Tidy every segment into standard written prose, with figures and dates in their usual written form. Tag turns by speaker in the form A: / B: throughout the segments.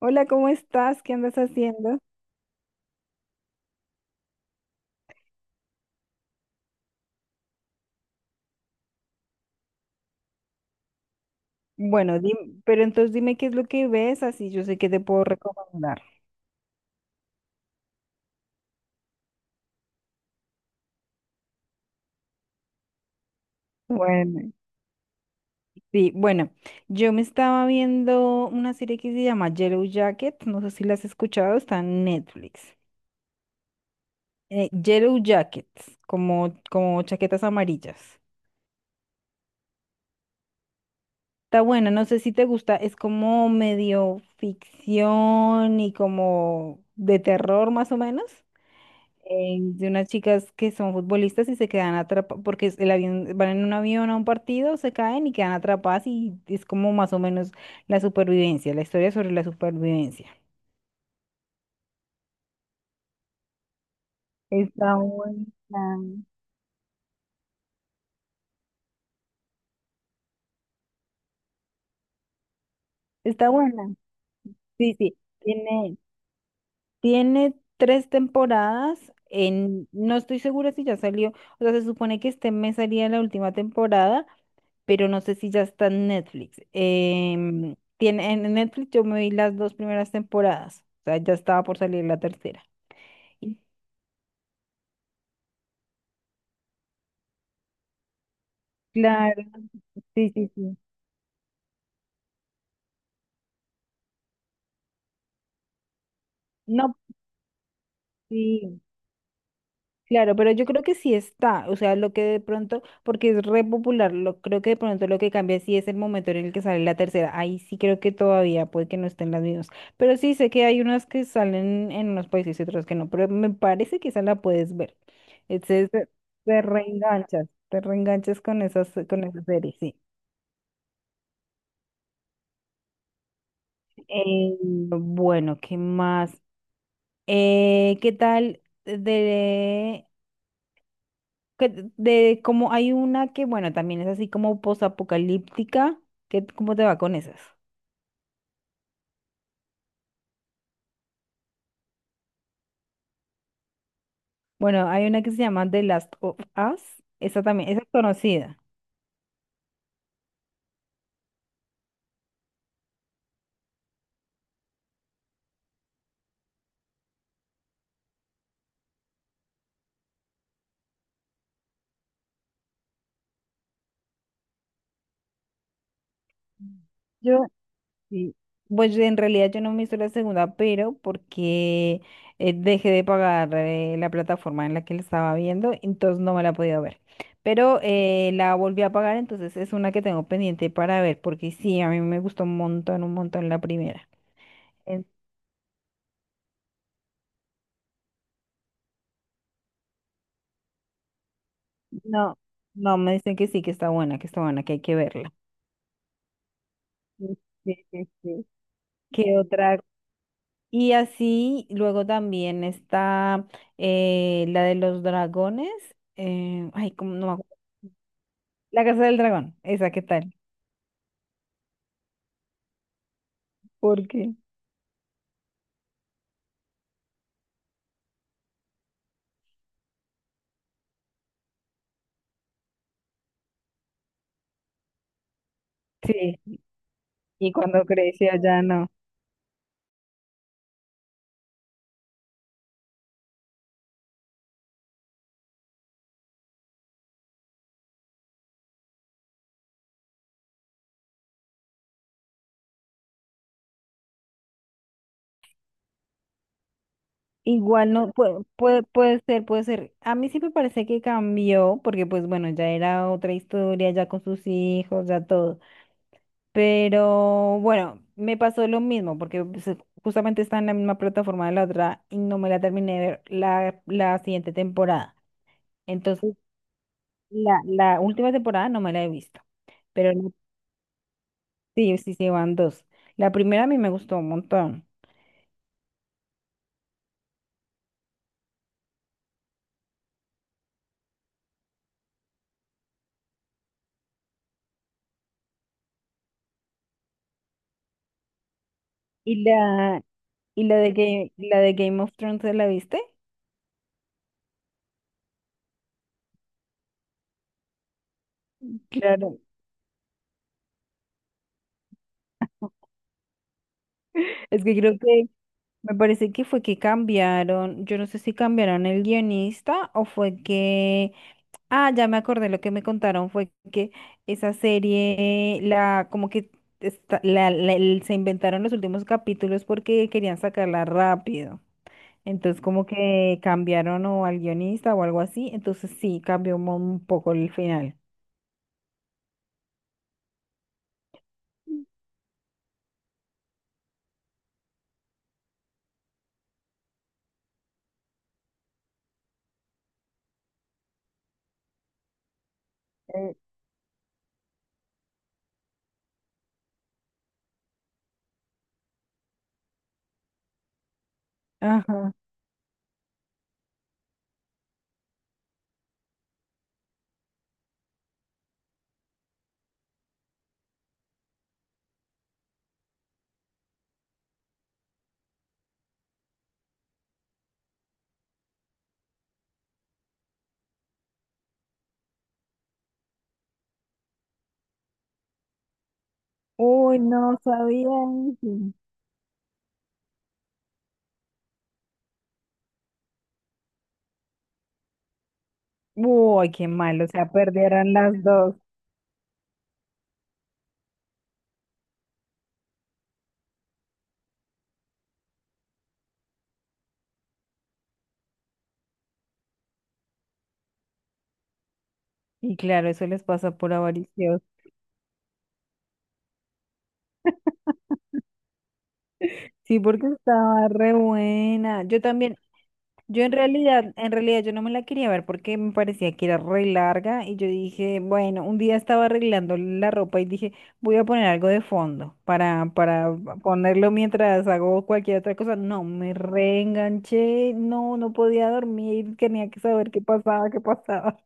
A: Hola, ¿cómo estás? ¿Qué andas haciendo? Bueno, pero entonces dime qué es lo que ves, así yo sé qué te puedo recomendar. Bueno, sí, bueno, yo me estaba viendo una serie que se llama Yellow Jacket, no sé si la has escuchado, está en Netflix. Yellow Jackets, como, como chaquetas amarillas. Está buena, no sé si te gusta, es como medio ficción y como de terror más o menos. De unas chicas que son futbolistas y se quedan atrapadas, porque el avión, van en un avión a un partido, se caen y quedan atrapadas y es como más o menos la supervivencia, la historia sobre la supervivencia. Está buena. Está buena. Sí, sí. Tiene tres temporadas. En, no estoy segura si ya salió, o sea, se supone que este mes salía la última temporada, pero no sé si ya está en Netflix. Tiene, en Netflix yo me vi las dos primeras temporadas, o sea, ya estaba por salir la tercera. Y Claro, sí, sí, sí. No, sí. Claro, pero yo creo que sí está, o sea, lo que de pronto, porque es re popular, creo que de pronto lo que cambia sí es el momento en el que sale la tercera, ahí sí creo que todavía puede que no estén las mismas, pero sí sé que hay unas que salen en unos países y otras que no, pero me parece que esa la puedes ver, entonces te reenganchas con esas series, sí. Bueno, ¿qué más? ¿Qué tal de como hay una que, bueno, también es así como posapocalíptica, que ¿cómo te va con esas? Bueno, hay una que se llama The Last of Us, esa también, esa es conocida. Mm. Yo, sí. Pues en realidad yo no me hice la segunda, pero porque dejé de pagar la plataforma en la que la estaba viendo, entonces no me la he podido ver. Pero la volví a pagar, entonces es una que tengo pendiente para ver, porque sí, a mí me gustó un montón la primera. No, no, me dicen que sí, que está buena, que está buena, que hay que verla. Sí, sí, sí, sí. ¿Qué otra? Y así luego también está la de los dragones. Ay, como no me acuerdo. La Casa del Dragón, esa, ¿qué tal? Porque sí, y cuando creció ya no. Igual no, puede, puede, puede ser, puede ser. A mí sí me parece que cambió, porque pues bueno, ya era otra historia, ya con sus hijos, ya todo. Pero bueno, me pasó lo mismo porque pues, justamente está en la misma plataforma de la otra y no me la terminé de ver la siguiente temporada. Entonces, la última temporada no me la he visto, pero sí, sí, sí, van dos. La primera a mí me gustó un montón. ¿Y la, y la de Game of Thrones, ¿te la viste? Claro. Es que creo que me parece que fue que cambiaron, yo no sé si cambiaron el guionista o fue que Ah, ya me acordé, lo que me contaron fue que esa serie, la, como que se inventaron los últimos capítulos porque querían sacarla rápido. Entonces como que cambiaron o al guionista o algo así, entonces sí, cambió un poco el final. Eh, Ajá. Uy, no sabía eso. Uy, qué mal, o sea, perdieron las dos. Y claro, eso les pasa por avariciosos. Sí, porque estaba re buena. Yo también, yo en realidad yo no me la quería ver porque me parecía que era re larga y yo dije, bueno, un día estaba arreglando la ropa y dije, voy a poner algo de fondo para ponerlo mientras hago cualquier otra cosa. No, me reenganché, no, no podía dormir, tenía que saber qué pasaba, qué pasaba.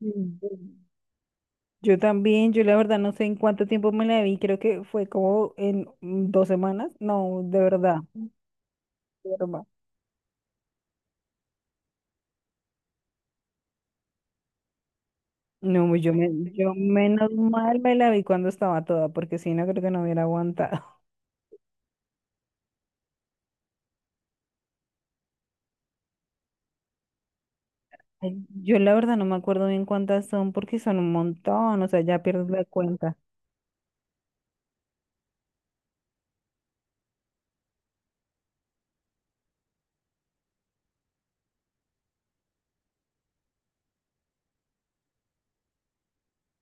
A: Mm. Yo también, yo la verdad no sé en cuánto tiempo me la vi, creo que fue como en dos semanas, no, de verdad. No, yo menos mal me la vi cuando estaba toda, porque si no creo que no hubiera aguantado. Ay, yo la verdad no me acuerdo bien cuántas son, porque son un montón, o sea, ya pierdes la cuenta.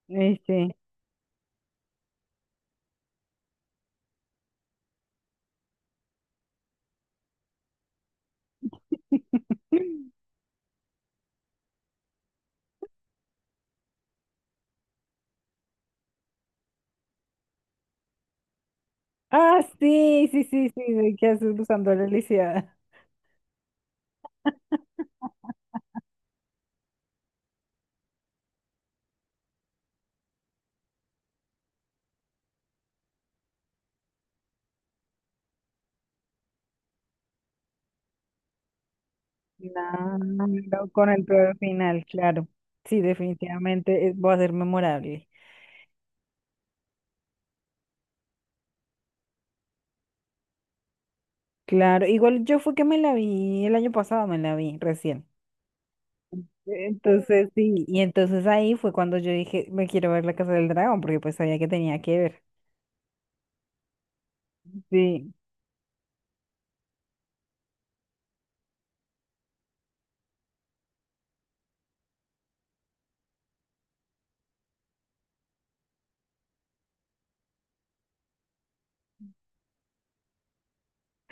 A: Este. Ah, sí, sí, sí, sí, de que haces usando la lisiada. Claro, con el peor final, claro. Sí, definitivamente va a ser memorable. Claro, igual yo fue que me la vi el año pasado, me la vi recién. Entonces, sí, y entonces ahí fue cuando yo dije, me quiero ver La Casa del Dragón, porque pues sabía que tenía que ver. Sí.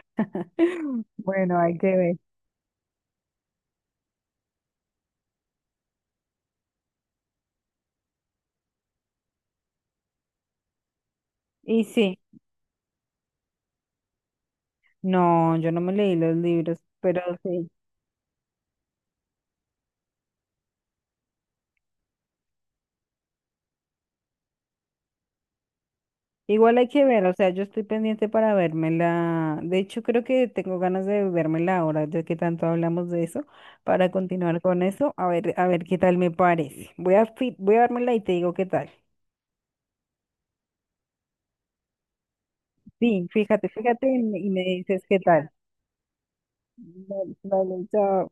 A: Bueno, hay que ver. Y sí, no, yo no me leí los libros, pero sí. Igual hay que ver, o sea, yo estoy pendiente para vérmela. De hecho, creo que tengo ganas de vérmela ahora, ya que tanto hablamos de eso, para continuar con eso, a ver qué tal me parece. Voy a, voy a vérmela y te digo qué tal. Sí, fíjate, fíjate y me dices qué tal. Vale, vale, chao.